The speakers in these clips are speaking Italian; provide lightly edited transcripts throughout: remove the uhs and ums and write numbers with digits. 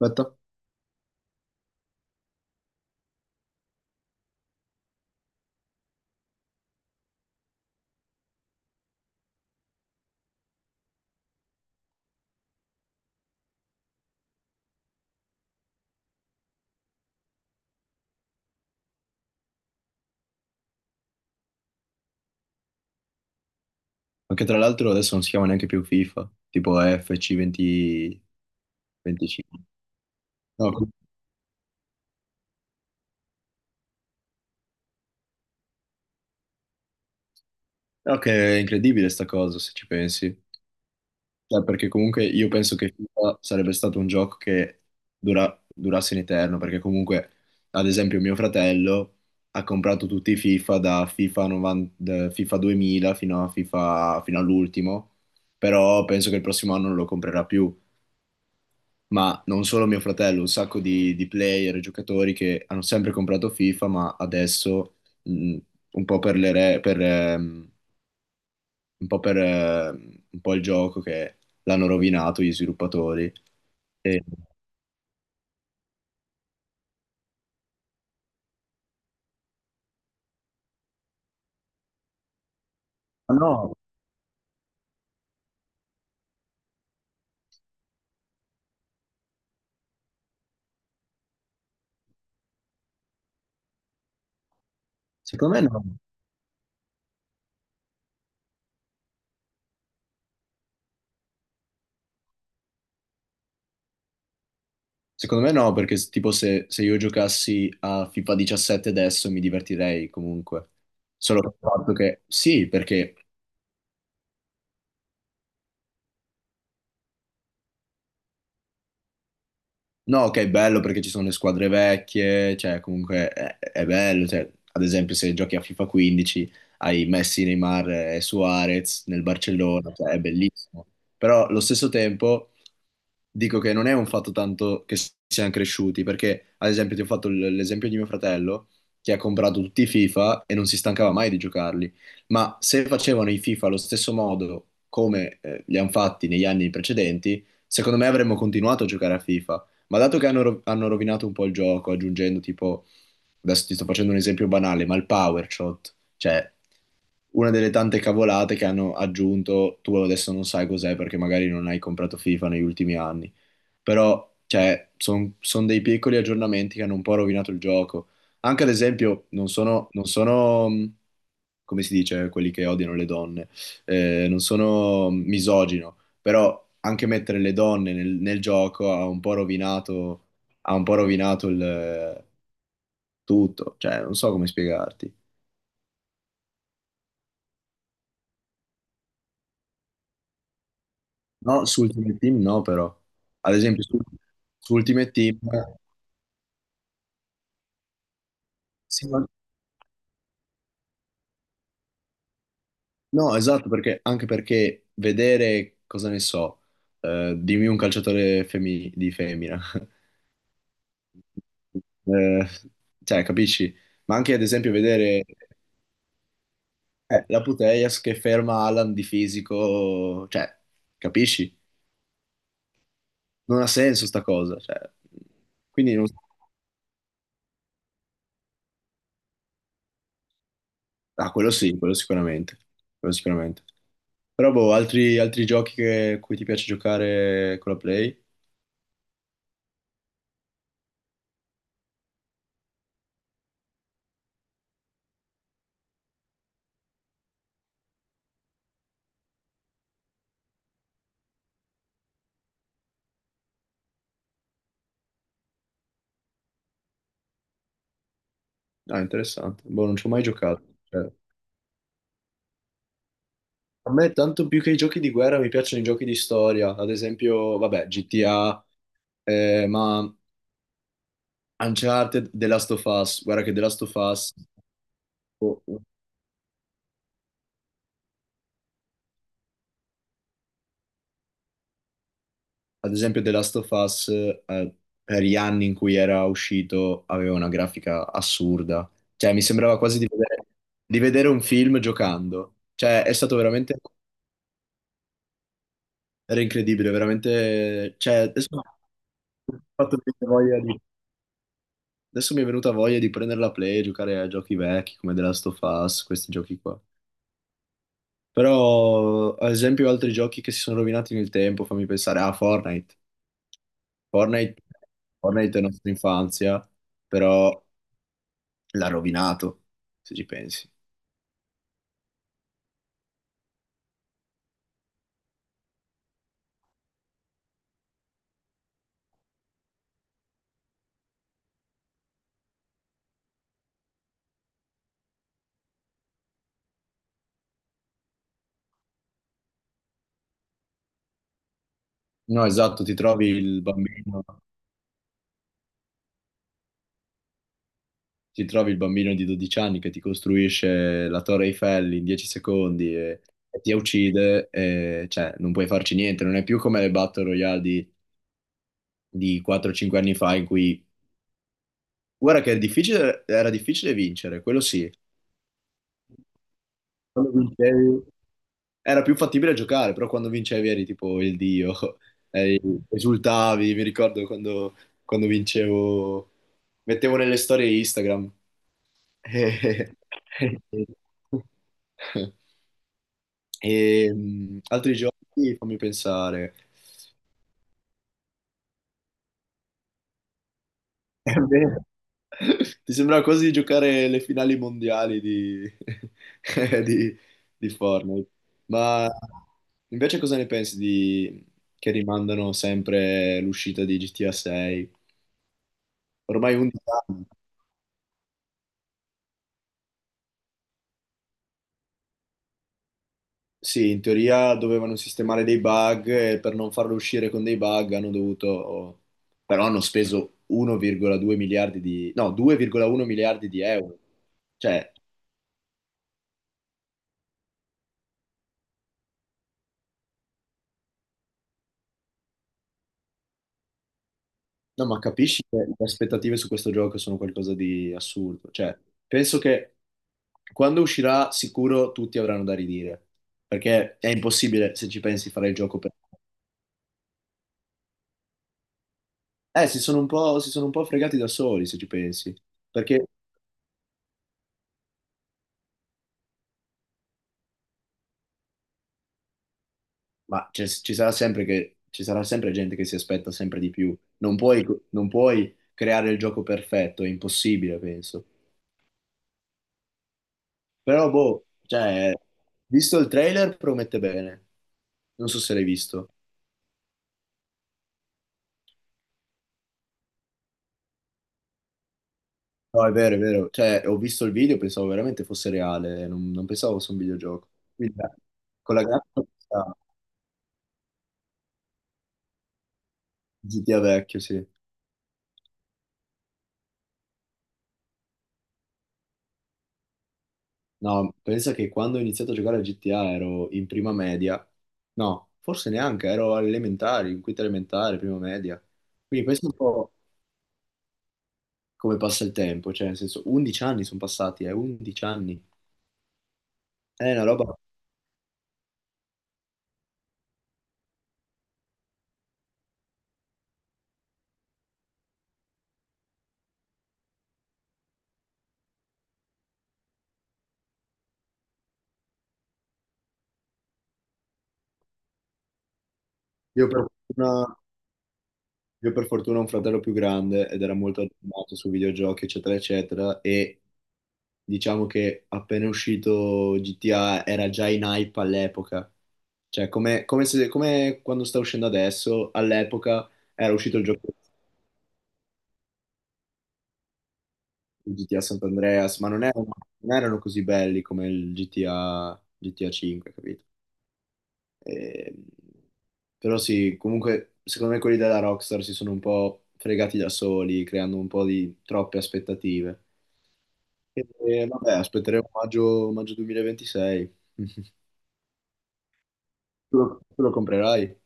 Aspetta. Anche tra l'altro adesso non si chiama neanche più FIFA, tipo FC20... 25. No, no, che è incredibile sta cosa se ci pensi. Cioè, perché comunque io penso che FIFA sarebbe stato un gioco che durasse in eterno, perché comunque, ad esempio, mio fratello ha comprato tutti i FIFA da FIFA 90, da FIFA 2000 fino all'ultimo, però penso che il prossimo anno non lo comprerà più, ma non solo mio fratello, un sacco di player e giocatori che hanno sempre comprato FIFA, ma adesso mh, un po' per le re- per, un po' per, un po' il gioco che l'hanno rovinato gli sviluppatori. E- Ma no, secondo me no. Secondo me no, perché tipo se io giocassi a FIFA 17 adesso mi divertirei comunque. Solo per il fatto che sì, perché. No, ok, bello perché ci sono le squadre vecchie, cioè comunque è bello, cioè, ad esempio se giochi a FIFA 15 hai Messi, Neymar e Suarez nel Barcellona, cioè è bellissimo. Però allo stesso tempo dico che non è un fatto tanto che siamo cresciuti, perché ad esempio ti ho fatto l'esempio di mio fratello che ha comprato tutti i FIFA e non si stancava mai di giocarli, ma se facevano i FIFA allo stesso modo come li hanno fatti negli anni precedenti, secondo me avremmo continuato a giocare a FIFA, ma dato che hanno rovinato un po' il gioco, aggiungendo tipo, adesso ti sto facendo un esempio banale, ma il power shot, cioè una delle tante cavolate che hanno aggiunto, tu adesso non sai cos'è perché magari non hai comprato FIFA negli ultimi anni, però cioè, sono dei piccoli aggiornamenti che hanno un po' rovinato il gioco. Anche ad esempio, non sono, come si dice, quelli che odiano le donne, non sono misogino, però anche mettere le donne nel gioco ha un po' rovinato, ha un po' rovinato il tutto, cioè, non so come spiegarti. No, su Ultimate Team no, però. Ad esempio, su Ultimate Team. Sì, no, esatto, perché, anche perché vedere, cosa ne so, dimmi un calciatore di femmina, Eh, cioè, capisci? Ma anche ad esempio vedere la Putellas che ferma Alan di fisico, cioè, capisci? Non ha senso sta cosa, cioè. Quindi non. Ah, quello sì, quello sicuramente, quello sicuramente. Però, boh, altri giochi cui ti piace giocare con la Play? Ah, interessante. Boh, non ci ho mai giocato, cioè. A me tanto più che i giochi di guerra, mi piacciono i giochi di storia, ad esempio, vabbè, GTA, ma Uncharted, The Last of Us, guarda che The Last of Us, o- o- ad esempio The Last of Us, per gli anni in cui era uscito, aveva una grafica assurda, cioè mi sembrava quasi di vedere un film giocando, cioè è stato veramente, era incredibile, veramente, cioè, adesso mi ha fatto venire voglia di. Adesso mi è venuta voglia di prendere la Play e giocare a giochi vecchi come The Last of Us, questi giochi qua. Però, ad esempio, altri giochi che si sono rovinati nel tempo, fammi pensare a Fortnite. Fortnite, Fortnite, è la nostra infanzia, però l'ha rovinato, se ci pensi. No, esatto, ti trovi il bambino di 12 anni che ti costruisce la Torre Eiffel in 10 secondi e ti uccide, e, cioè non puoi farci niente, non è più come le Battle Royale di 4-5 anni fa in cui. Guarda che era difficile vincere, quello sì. Quando vincevi era più fattibile giocare, però quando vincevi eri tipo il dio, eri, esultavi, mi ricordo quando, quando vincevo, mettevo nelle storie Instagram. E, altri giochi, fammi pensare. È vero. Ti sembra quasi di giocare le finali mondiali di, di- di Fortnite. Ma invece cosa ne pensi che rimandano sempre l'uscita di GTA 6? Ormai 11 anni. Sì, in teoria dovevano sistemare dei bug e per non farlo uscire con dei bug hanno dovuto. Però hanno speso 1,2 miliardi di, no, 2,1 miliardi di euro. Cioè. No, ma capisci che le aspettative su questo gioco sono qualcosa di assurdo. Cioè, penso che quando uscirà, sicuro tutti avranno da ridire. Perché è impossibile, se ci pensi, fare il gioco per. Si sono un po' fregati da soli, se ci pensi. Perché, ma ci sarà sempre gente che si aspetta sempre di più. Non puoi creare il gioco perfetto, è impossibile, penso. Però, boh, cioè, visto il trailer, promette bene. Non so se l'hai visto. No, è vero, è vero. Cioè, ho visto il video, pensavo veramente fosse reale, non, non pensavo fosse un videogioco. Quindi, con la grafica ah, GTA vecchio, sì. No, pensa che quando ho iniziato a giocare a GTA ero in prima media. No, forse neanche, ero alle elementari, in quinta elementare, prima media. Quindi questo è un po' come passa il tempo, cioè, nel senso, 11 anni sono passati, 11 anni. È una roba... Io per fortuna... Io per fortuna ho un fratello più grande ed era molto aggiornato su videogiochi, eccetera, eccetera, e diciamo che appena uscito GTA era già in hype all'epoca. Cioè, come, come se- come quando sta uscendo adesso, all'epoca era uscito il gioco di GTA Sant'Andreas, ma non erano così belli come il GTA 5, capito? E- Però sì, comunque, secondo me quelli della Rockstar si sono un po' fregati da soli, creando un po' di troppe aspettative. E, vabbè, aspetteremo maggio, maggio 2026. Tu lo comprerai.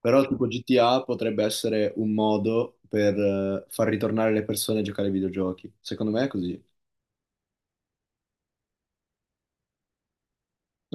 Però tipo GTA potrebbe essere un modo per far ritornare le persone a giocare ai videogiochi. Secondo me è così. No?